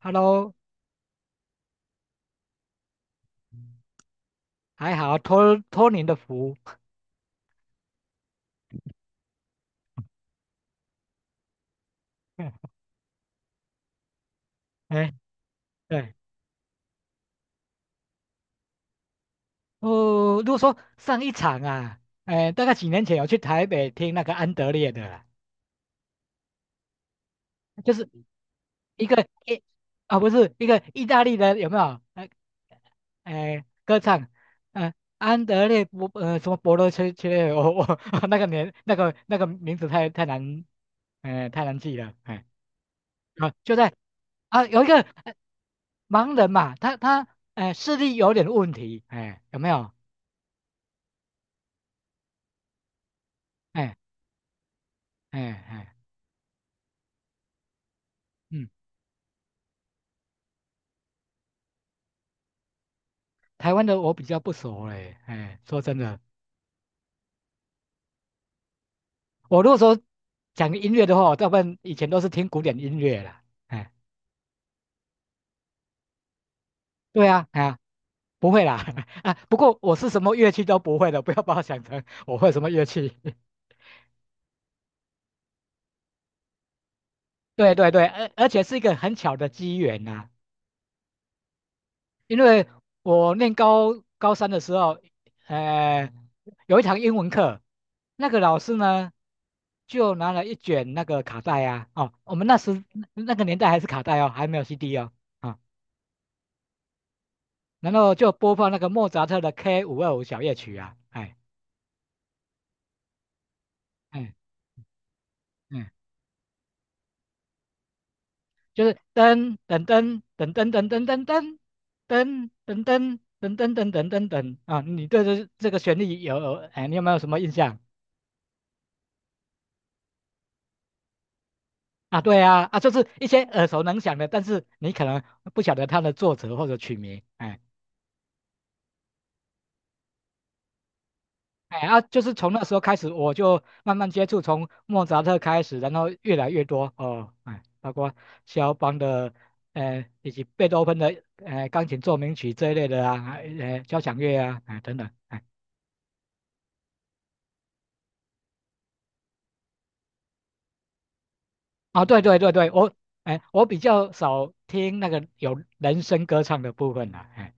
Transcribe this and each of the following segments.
Hello，还好托您的福。哎，对，哦，如果说上一场啊，哎，大概几年前有去台北听那个安德烈的啦，就是一个啊，不是一个意大利的，有没有？哎哎，歌唱，嗯、安德烈博呃什么博罗切列，我 那个年那个那个名字太难，哎、太难记了，哎。啊，就在啊，有一个盲人嘛，他哎视力有点问题，哎，有没有？哎哎哎，嗯，台湾的我比较不熟嘞，哎，说真的，我如果说讲音乐的话，我大部分以前都是听古典音乐啦，哎，对啊，哎呀，不会啦，啊，不过我是什么乐器都不会的，不要把我想成我会什么乐器，对对对，而且是一个很巧的机缘呐、因为我念高三的时候，呃，有一堂英文课，那个老师呢，就拿了一卷那个卡带啊，哦，我们那个年代还是卡带哦，还没有 CD 哦，啊、然后就播放那个莫扎特的 K525小夜曲啊，哎，哎，嗯，就是噔噔噔噔噔噔噔噔噔噔噔噔噔噔噔噔噔噔啊，你对这个旋律有，哎，你有没有什么印象？啊，对啊，啊，就是一些耳熟能详的，但是你可能不晓得它的作者或者曲名，哎哎啊，就是从那时候开始，我就慢慢接触，从莫扎特开始，然后越来越多哦，哎，包括肖邦的，以及贝多芬的，钢琴奏鸣曲这一类的啊，交响乐啊，哎，等等，哎，哦，对对对对，我，哎，我比较少听那个有人声歌唱的部分了，哎，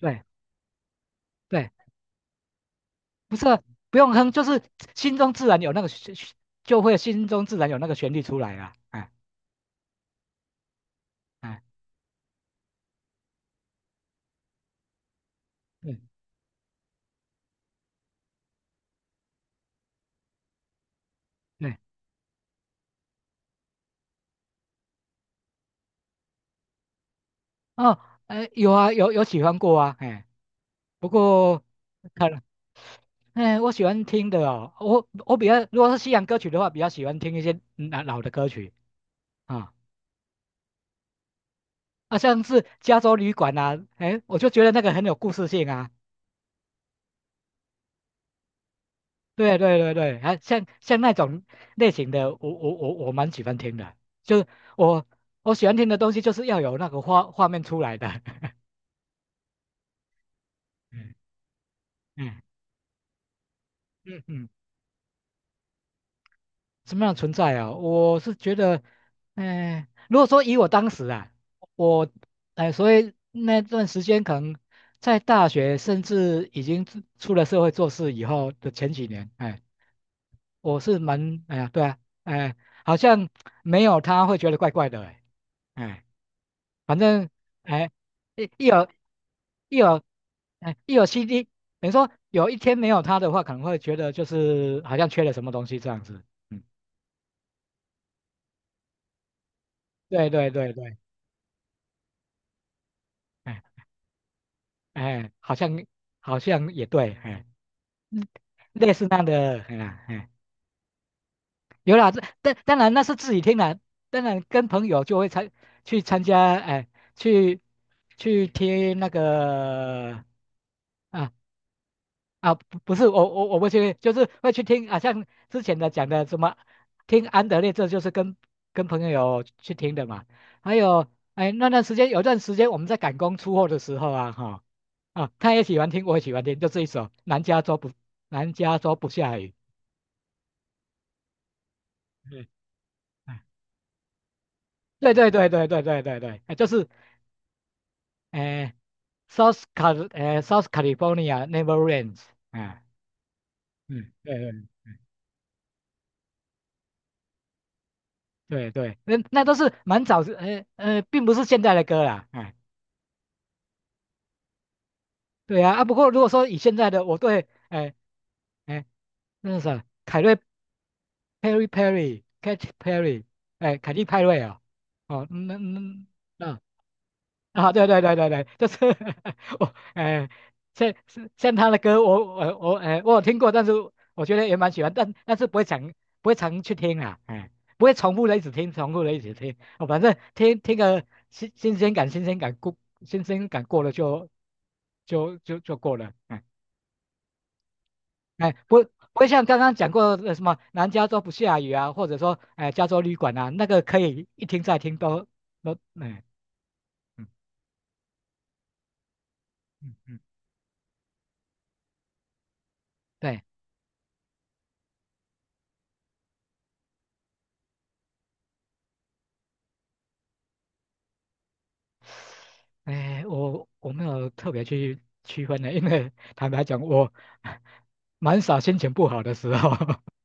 对对。不是啊不用哼，就是心中自然有那个旋就会心中自然有那个旋律出来啊，哎哎，对对，哦，哎，有啊，有喜欢过啊，哎，不过看了，哎，我喜欢听的哦，我比较如果是西洋歌曲的话，比较喜欢听一些老的歌曲啊，啊，像是加州旅馆啊，哎，我就觉得那个很有故事性啊。对对对对，啊，像那种类型的，我蛮喜欢听的，就是我我喜欢听的东西，就是要有那个画面出来的。嗯嗯嗯嗯，什么样的存在啊？我是觉得，哎，如果说以我当时啊，我，哎、所以那段时间可能在大学，甚至已经出了社会做事以后的前几年，哎、我是蛮，哎呀，对啊，哎、好像没有他会觉得怪怪的、哎。哎反正哎，一一有一有一有 CD，等于说有一天没有它的话，可能会觉得就是好像缺了什么东西这样子。嗯，对对对对，哎哎，好像也对，哎，嗯类似那样的，哎呀哎，有啦，这但当然那是自己听的，当然跟朋友就会去参加，哎，去去听那个。啊，啊，不是我不去，就是会去听啊，像之前的讲的什么，听安德烈，这就是跟朋友去听的嘛。还有，哎，那段时间有段时间我们在赶工出货的时候啊，哈、啊，他也喜欢听，我也喜欢听，就这一首南加州不下雨》嗯，哎对对对对对对对对，哎，就是哎，South California never rains。哎，嗯，对对对对，那都是蛮早之，并不是现在的歌啦，哎，对啊，啊，不过如果说以现在的，我对，哎哎，那是啥，凯瑞 Perry Perry Katy Perry，哎，凯蒂派瑞哦，哦，那 啊，对对对对对，就是 我，哎、像他的歌我，我有听过，但是我觉得也蛮喜欢，但是不会常去听啊，哎、不会重复的一直听，重复的一直听，哦，反正听个新鲜感，新鲜感过了就过了，哎、哎、不会像刚刚讲过的什么南加州不下雨啊，或者说哎、加州旅馆啊，那个可以一听再听都哎嗯嗯嗯，对。哎，我没有特别去区分的，因为坦白讲，我 蛮少心情不好的时候。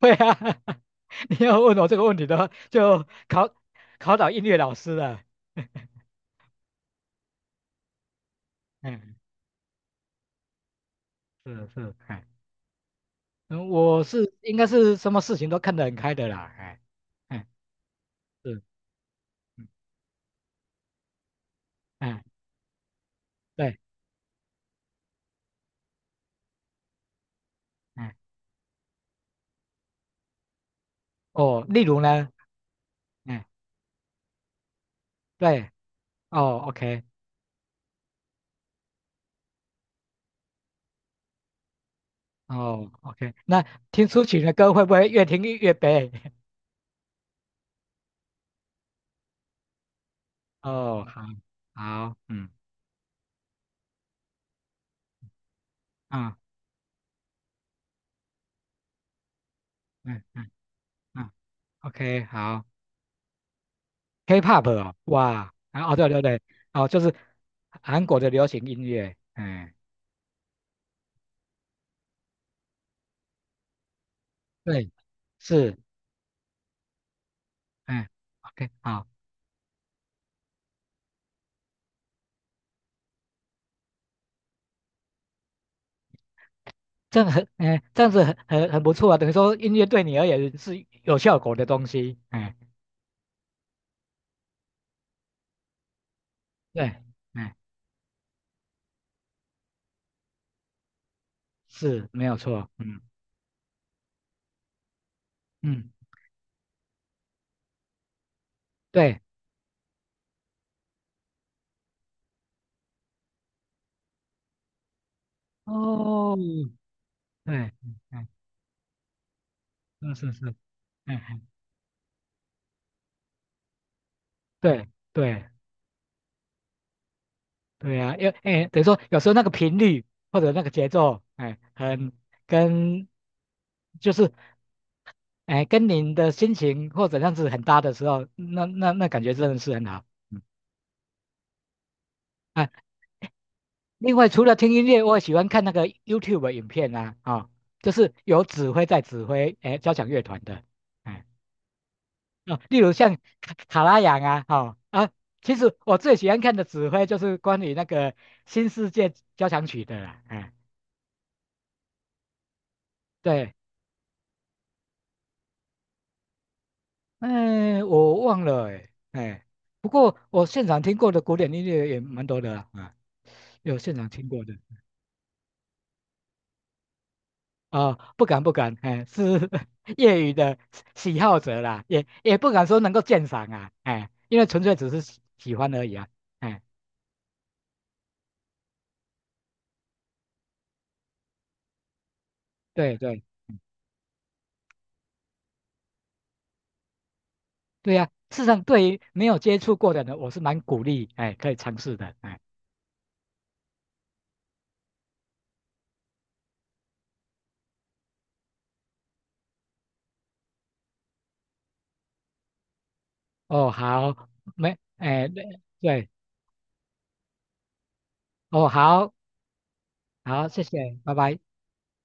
对啊，你要问我这个问题的话，就考倒音乐老师了。嗯，是是，哎，嗯，我是应该是什么事情都看得很开的啦，哎，哎，是，嗯，哎，对，哎，哦，例如呢，哎，对，哦，OK，哦，OK，那听抒情的歌会不会越听越悲？哦，好，好，嗯，啊，嗯嗯嗯，OK，好，K-pop 哦，哇，啊哦，对对对，哦，就是韩国的流行音乐，哎，对，是，哎 o k 好，这样很，哎，这样子很不错啊，等于说音乐对你而言是有效果的东西，哎，对，哎，是没有错，嗯嗯，对，哦，对，嗯嗯，是是是，嗯嗯，对对，对呀、啊，因为哎，等于说有时候那个频率或者那个节奏，哎，跟就是哎跟您的心情或者样子很搭的时候，那感觉真的是很好。嗯啊，另外除了听音乐，我也喜欢看那个 YouTube 的影片啊，啊、就是有指挥在指挥哎交响乐团的，哎哦，例如像卡拉扬啊，哦啊，其实我最喜欢看的指挥就是关于那个新世界交响曲的啦，哎对。哎，我忘了哎哎，不过我现场听过的古典音乐也蛮多的啊，啊有现场听过的啊，不敢不敢，哎，是 业余的喜好者啦，也不敢说能够鉴赏啊，哎，因为纯粹只是喜欢而已啊，哎，对对对呀、事实上对于没有接触过的人，我是蛮鼓励，哎，可以尝试的，哎，哦好，没，哎对对，哦好好，谢谢，拜拜。